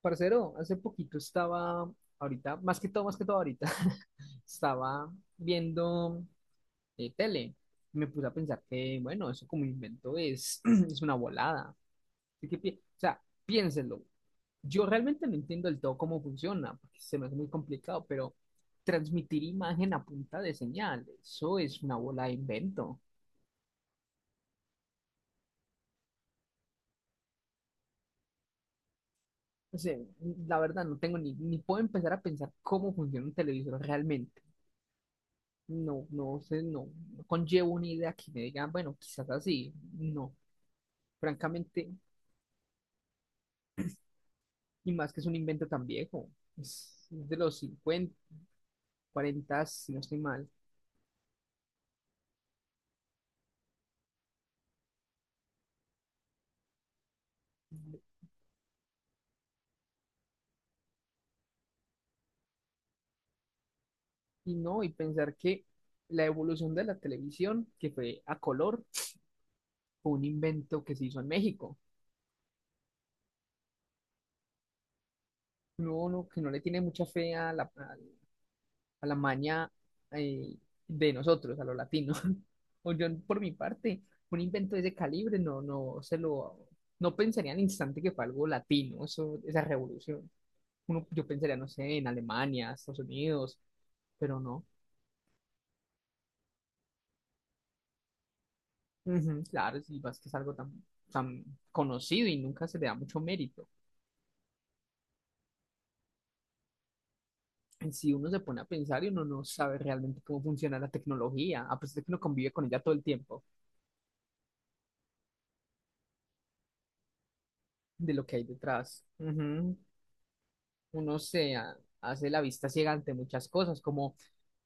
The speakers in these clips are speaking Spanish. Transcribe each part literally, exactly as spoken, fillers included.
Parcero, hace poquito estaba, ahorita, más que todo, más que todo ahorita, estaba viendo eh, tele. Me puse a pensar que, bueno, eso como invento es, es una volada. Así que, pi- o sea, piénsenlo. Yo realmente no entiendo del todo cómo funciona, porque se me hace muy complicado, pero transmitir imagen a punta de señal, eso es una bola de invento. O sea, la verdad no tengo ni, ni puedo empezar a pensar cómo funciona un televisor realmente. No, no sé, no, no conllevo una idea que me digan, bueno, quizás así. No, francamente, y más que es un invento tan viejo. Es es de los cincuenta cuarenta, si no estoy mal. Y no, y pensar que la evolución de la televisión, que fue a color, fue un invento que se hizo en México. No, no, que no le tiene mucha fe a la, a a la maña eh, de nosotros, a los latinos. O yo, por mi parte, un invento de ese calibre no, no se lo, no pensaría al instante que fue algo latino, eso, esa revolución. Uno, yo pensaría, no sé, en Alemania, Estados Unidos, pero no. Ujú. Claro, si vas que es algo tan, tan conocido y nunca se le da mucho mérito. Si uno se pone a pensar y uno no sabe realmente cómo funciona la tecnología, a pesar de que uno convive con ella todo el tiempo, de lo que hay detrás. Ujú. Uno se ha- hace la vista ciega ante muchas cosas, como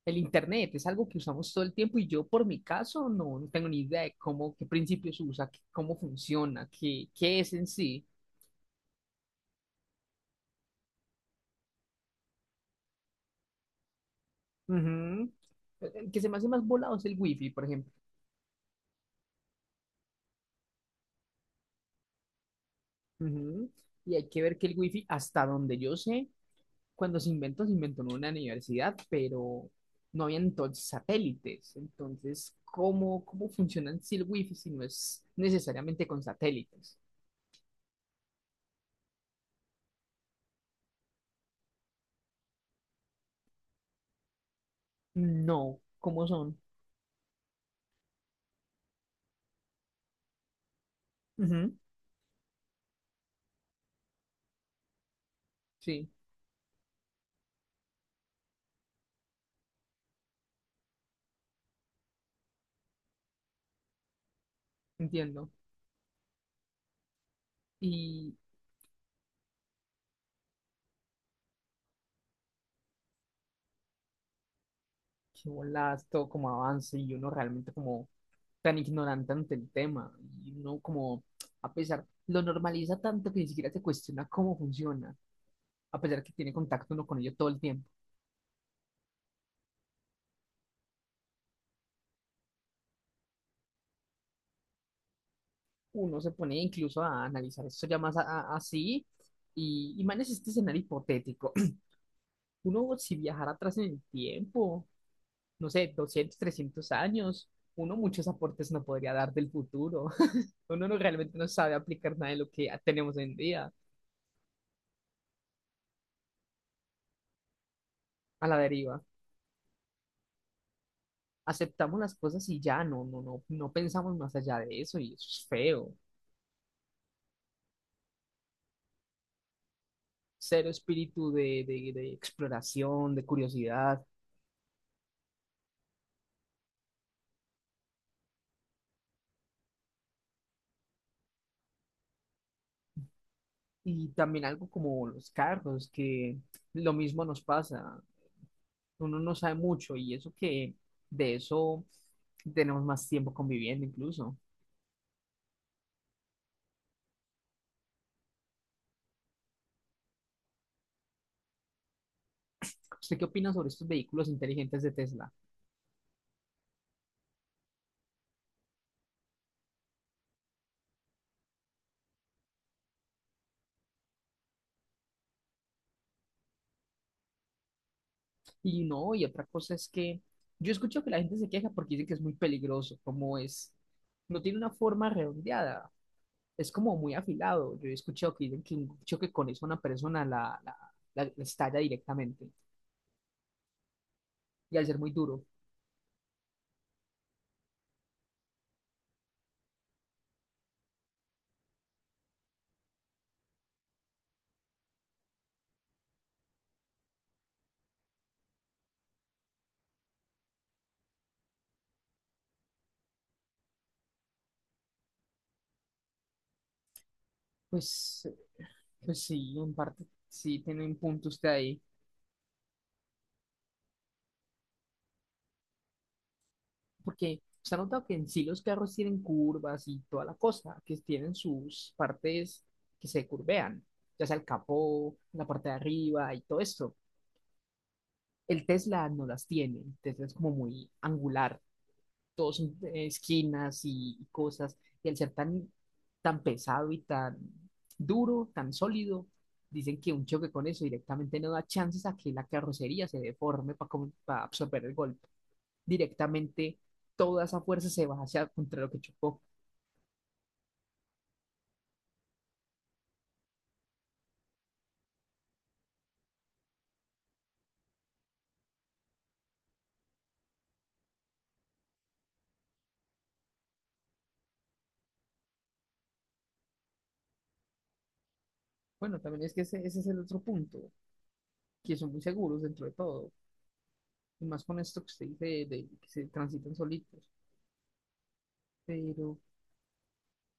el Internet, es algo que usamos todo el tiempo y yo por mi caso no, no tengo ni idea de cómo, qué principios usa, qué- cómo funciona, qué, qué es en sí. Ujú. El que se me hace más volado es el wifi, por ejemplo. Ujú. Y hay que ver que el wifi, hasta donde yo sé, cuando se inventó, se inventó en una universidad, pero no había entonces satélites. Entonces, ¿cómo, cómo funciona en sí el wifi si no es necesariamente con satélites? No, ¿cómo son? Ujú. Sí, entiendo. Y qué bolas todo como avance y uno realmente como tan ignorante ante el tema. Y uno como, a pesar, lo normaliza tanto que ni siquiera se cuestiona cómo funciona, a pesar que tiene contacto uno con ello todo el tiempo. Uno se pone incluso a analizar esto ya más a- a- así y, y manes este escenario hipotético. Uno si viajara atrás en el tiempo, no sé, doscientos trescientos años, uno muchos aportes no podría dar del futuro. Uno no realmente no sabe aplicar nada de lo que tenemos hoy en día a la deriva. Aceptamos las cosas y ya, no, no, no, no pensamos más allá de eso y eso es feo. Cero espíritu de, de, de exploración, de curiosidad y también algo como los carros, que lo mismo nos pasa. Uno no sabe mucho y eso que de eso tenemos más tiempo conviviendo incluso. ¿Usted qué opina sobre estos vehículos inteligentes de Tesla? Y no, y otra cosa es que yo escucho que la gente se queja porque dice que es muy peligroso, como es, no tiene una forma redondeada, es como muy afilado. Yo he escuchado que dicen que un choque con eso a una persona la, la, la- la estalla directamente y al ser muy duro, pues, pues sí, en parte sí tiene un punto usted ahí, porque se ha notado que en sí los carros tienen curvas y toda la cosa, que tienen sus partes que se curvean, ya sea el capó, la parte de arriba y todo esto. El Tesla no las tiene, el Tesla es como muy angular, todos son eh, esquinas y, y cosas, y al ser tan, tan pesado y tan duro, tan sólido, dicen que un choque con eso directamente no da chances a que la carrocería se deforme para absorber el golpe. Directamente toda esa fuerza se va hacia contra lo que chocó. Bueno, también es que ese, ese es el otro punto, que son muy seguros dentro de todo, y más con esto que usted dice de, de que se transitan solitos. Pero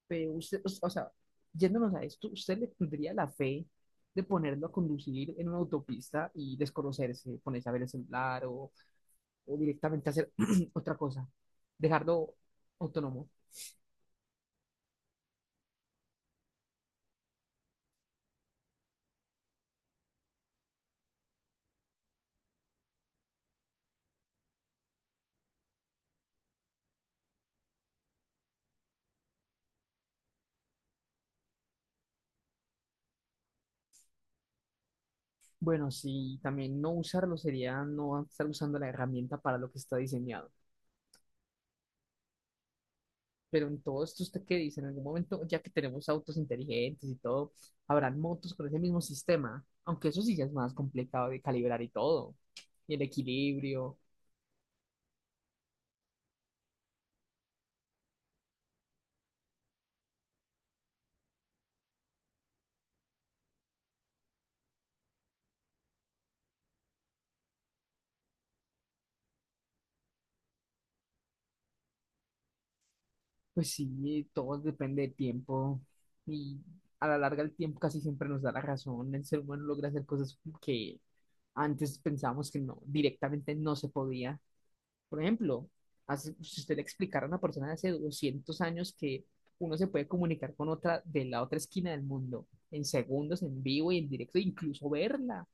Pero usted, o sea, yéndonos a esto, ¿usted le tendría la fe de ponerlo a conducir en una autopista y desconocerse, ponerse a ver el celular o, o directamente hacer otra cosa? Dejarlo autónomo. Bueno, sí, también no usarlo sería no estar usando la herramienta para lo que está diseñado. Pero en todo esto, ¿usted qué dice? En algún momento, ya que tenemos autos inteligentes y todo, habrán motos con ese mismo sistema, aunque eso sí ya es más complicado de calibrar y todo, y el equilibrio, pues sí, todo depende del tiempo y a la larga el tiempo casi siempre nos da la razón. El ser humano logra hacer cosas que antes pensábamos que no, directamente no se podía. Por ejemplo, hace- si usted le explicara a una persona de hace doscientos años que uno se puede comunicar con otra de la otra esquina del mundo en segundos, en vivo y en directo, incluso verla,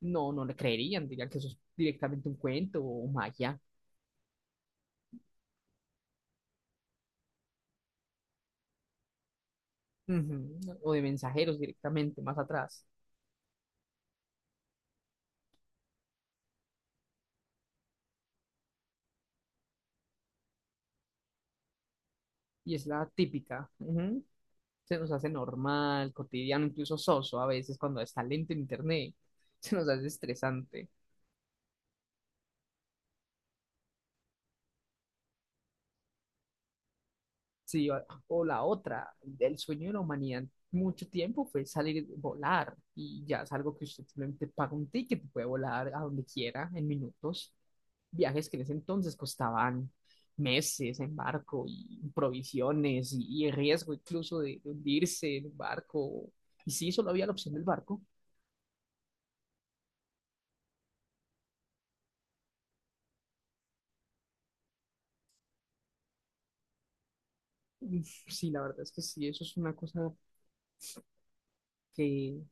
no, no le creerían, dirían que eso es directamente un cuento o magia. Ujú. O de mensajeros directamente más atrás. Y es la típica. Ujú. Se nos hace normal, cotidiano, incluso soso a veces cuando está lento en internet. Se nos hace estresante. Sí, o, o la otra, el sueño de la humanidad mucho tiempo fue salir, volar, y ya es algo que usted simplemente paga un ticket y puede volar a donde quiera en minutos. Viajes que en ese entonces costaban meses en barco y provisiones y, y el riesgo incluso de, de hundirse en un barco. Y sí, solo había la opción del barco. Uf, sí, la verdad es que sí, eso es una cosa que,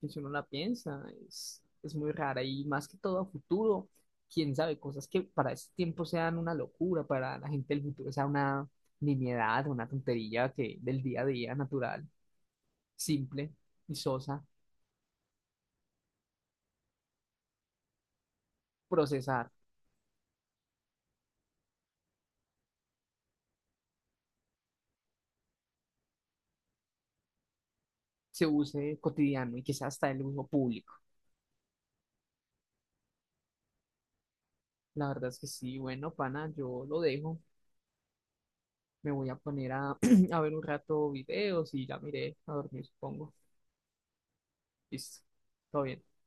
que si uno la piensa, es, es muy rara y más que todo a futuro, quién sabe, cosas que para este tiempo sean una locura, para la gente del futuro sea una nimiedad, una tontería que del día a día natural, simple y sosa, procesar, se use cotidiano y que sea hasta el uso público. La verdad es que sí, bueno, pana, yo lo dejo, me voy a poner a, a ver un rato videos y ya miré a dormir, supongo. Listo, todo bien.